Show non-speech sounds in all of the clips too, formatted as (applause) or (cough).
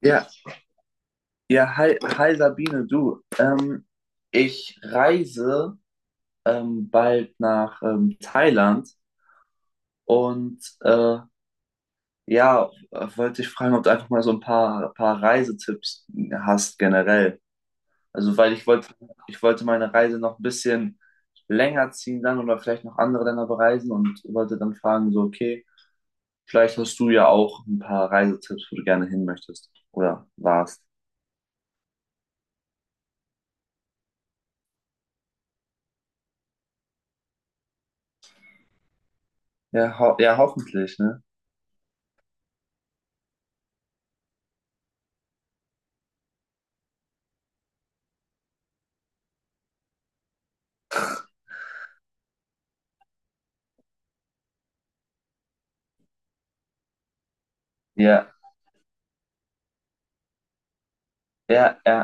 Ja, ja, hi, hi Sabine, du. Ich reise bald nach Thailand und ja, wollte ich fragen, ob du einfach mal so ein paar Reisetipps hast generell. Also, weil ich wollte meine Reise noch ein bisschen länger ziehen dann oder vielleicht noch andere Länder bereisen und wollte dann fragen, so, okay, vielleicht hast du ja auch ein paar Reisetipps, wo du gerne hin möchtest oder warst. Ja, ho ja, hoffentlich, ne? Ja, ja, ja.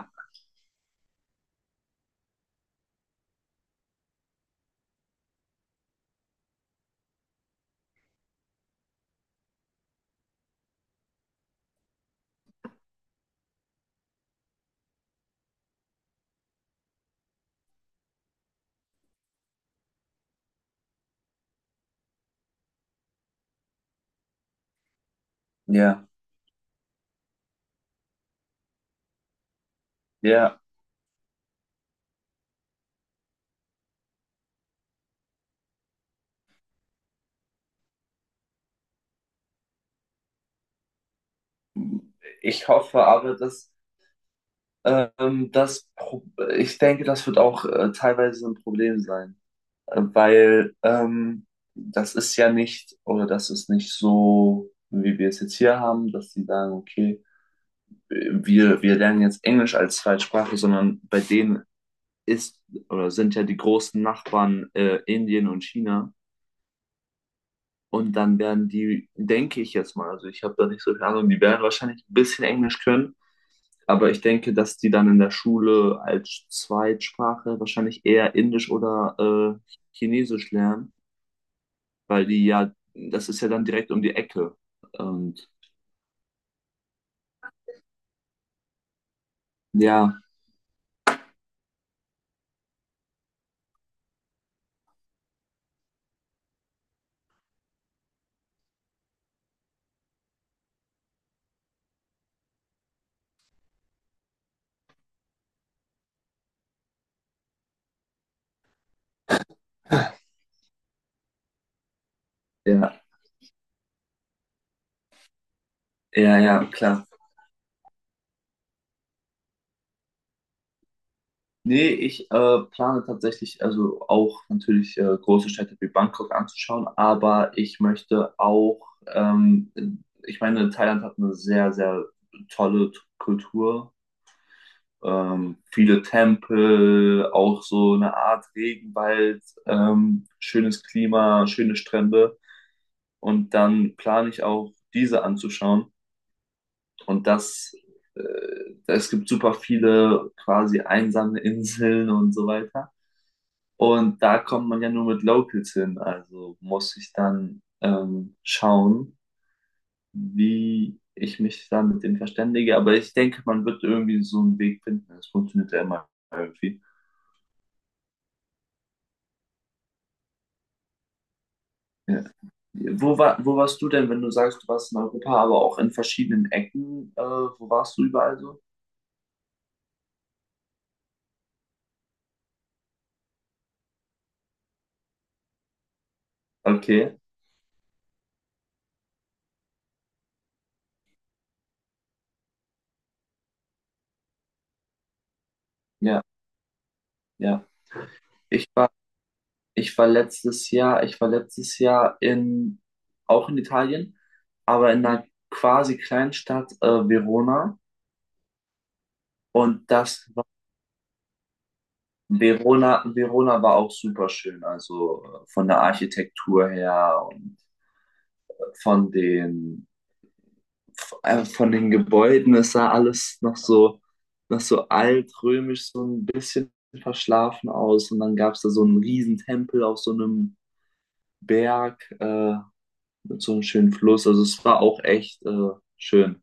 Ja, ja, ich hoffe aber, dass das, Pro ich denke, das wird auch teilweise ein Problem sein, weil das ist ja nicht, oder das ist nicht so, wie wir es jetzt hier haben, dass sie sagen, okay, wir lernen jetzt Englisch als Zweitsprache, sondern bei denen ist oder sind ja die großen Nachbarn Indien und China. Und dann werden die, denke ich jetzt mal, also ich habe da nicht so viel Ahnung, die werden wahrscheinlich ein bisschen Englisch können. Aber ich denke, dass die dann in der Schule als Zweitsprache wahrscheinlich eher Indisch oder Chinesisch lernen, weil die ja, das ist ja dann direkt um die Ecke. Und ja, ja, ja, ja, klar. Nee, ich plane tatsächlich, also auch natürlich große Städte wie Bangkok anzuschauen, aber ich möchte auch, ich meine, Thailand hat eine sehr, sehr tolle Kultur, viele Tempel, auch so eine Art Regenwald, schönes Klima, schöne Strände. Und dann plane ich auch, diese anzuschauen. Und das, äh, Es gibt super viele quasi einsame Inseln und so weiter. Und da kommt man ja nur mit Locals hin. Also muss ich dann schauen, wie ich mich da mit denen verständige. Aber ich denke, man wird irgendwie so einen Weg finden. Es funktioniert ja immer irgendwie. Ja. Wo warst du denn, wenn du sagst, du warst in Europa, aber auch in verschiedenen Ecken? Wo warst du überall so? Okay, ja, ja. Ich war, ich war letztes Jahr in, auch in Italien, aber in einer quasi Kleinstadt, Verona. Und das war, Verona, Verona war auch super schön, also von der Architektur her und äh, von den von den Gebäuden, es sah alles noch so, altrömisch, so ein bisschen verschlafen aus. Und dann gab es da so einen riesen Tempel auf so einem Berg mit so einem schönen Fluss. Also es war auch echt schön.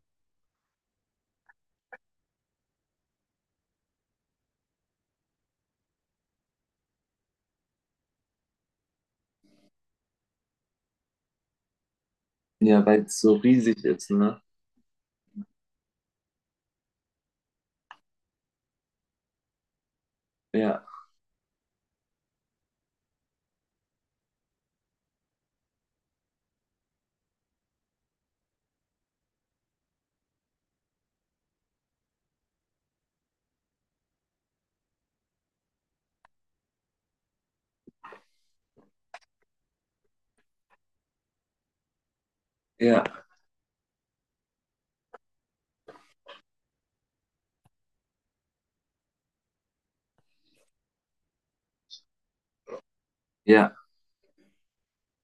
Ja, weil es so riesig ist, ne? Ja, ja, ja.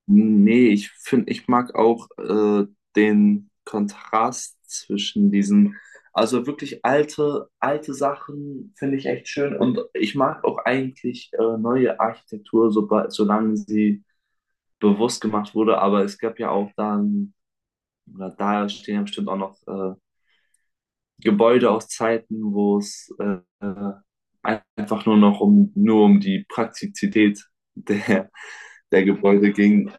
Nee, ich finde, ich mag auch den Kontrast zwischen diesen, also wirklich alte, alte Sachen finde ich echt schön und ich mag auch eigentlich neue Architektur, sobald, solange sie bewusst gemacht wurde, aber es gab ja auch dann, oder da stehen ja bestimmt auch noch Gebäude aus Zeiten, wo es einfach nur noch um, nur um die Praktizität der, der Gebäude ging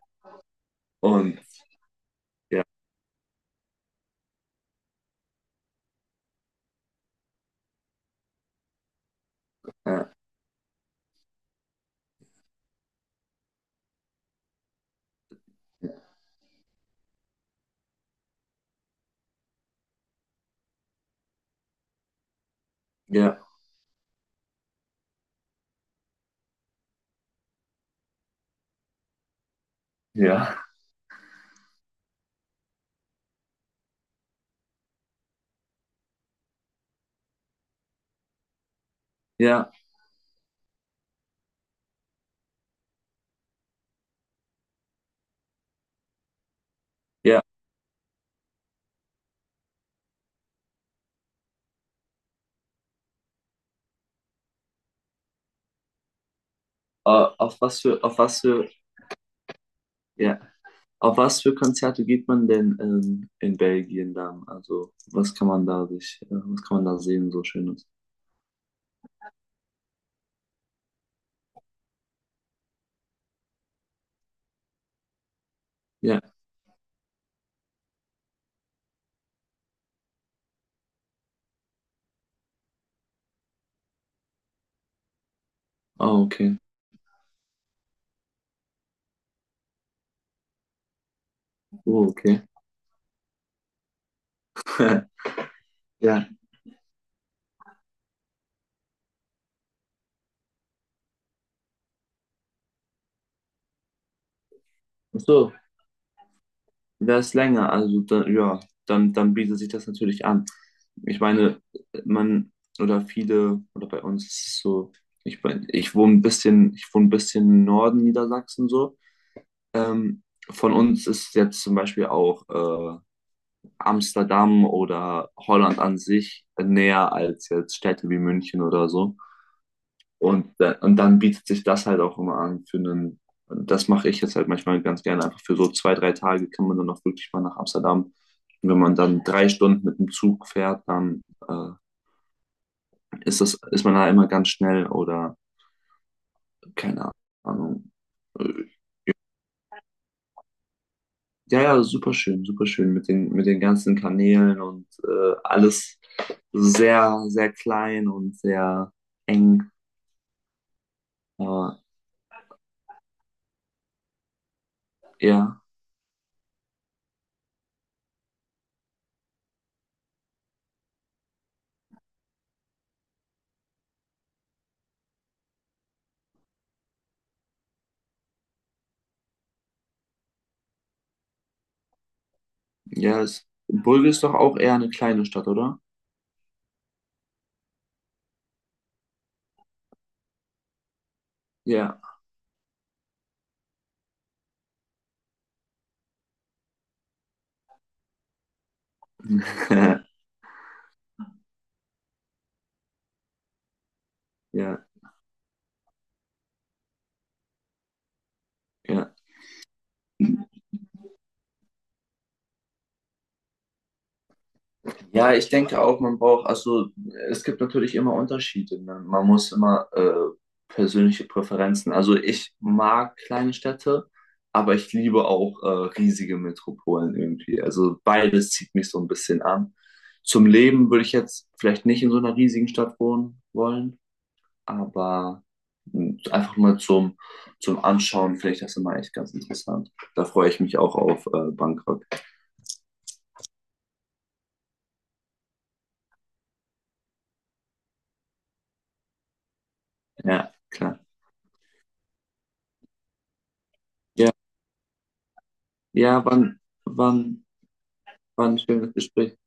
und ja, äh, ja. Ja, ja, ja. Äh, auf was für, ja, auf was für Konzerte geht man denn in Belgien dann? Also, was kann man da sich, was kann man da sehen, so Schönes? Ja, oh, okay. Oh, okay. (laughs) Ja, ach so, wäre es länger, also dann, ja, dann bietet sich das natürlich an. Ich meine, man, oder viele, oder bei uns ist es so, ich wohne ein bisschen im Norden Niedersachsen so. Ähm, von uns ist jetzt zum Beispiel auch Amsterdam oder Holland an sich näher als jetzt Städte wie München oder so. Und dann bietet sich das halt auch immer an für einen, das mache ich jetzt halt manchmal ganz gerne, einfach für so zwei, drei Tage kann man dann auch wirklich mal nach Amsterdam. Und wenn man dann drei Stunden mit dem Zug fährt, dann äh, ist das, ist man da immer ganz schnell oder keine Ahnung. Ja, ja, super schön mit den, ganzen Kanälen und alles sehr, sehr klein und sehr eng. Aber ja, ja, Bulge ist doch auch eher eine kleine Stadt, oder? Ja, (laughs) ja, ja. Ja, ich denke auch, man braucht, also es gibt natürlich immer Unterschiede. Ne? Man muss immer persönliche Präferenzen. Also ich mag kleine Städte, aber ich liebe auch riesige Metropolen irgendwie. Also beides zieht mich so ein bisschen an. Zum Leben würde ich jetzt vielleicht nicht in so einer riesigen Stadt wohnen wollen, aber einfach mal zum Anschauen, vielleicht das ist immer echt ganz interessant. Da freue ich mich auch auf Bangkok. Ja, klar. Ja, ja, wann, wann. War ein schönes Gespräch.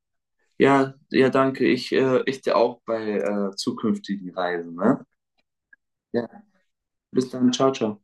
Ja, ja, danke. Ich dir auch bei zukünftigen Reisen, ne? Ja, bis dann. Ciao, ciao.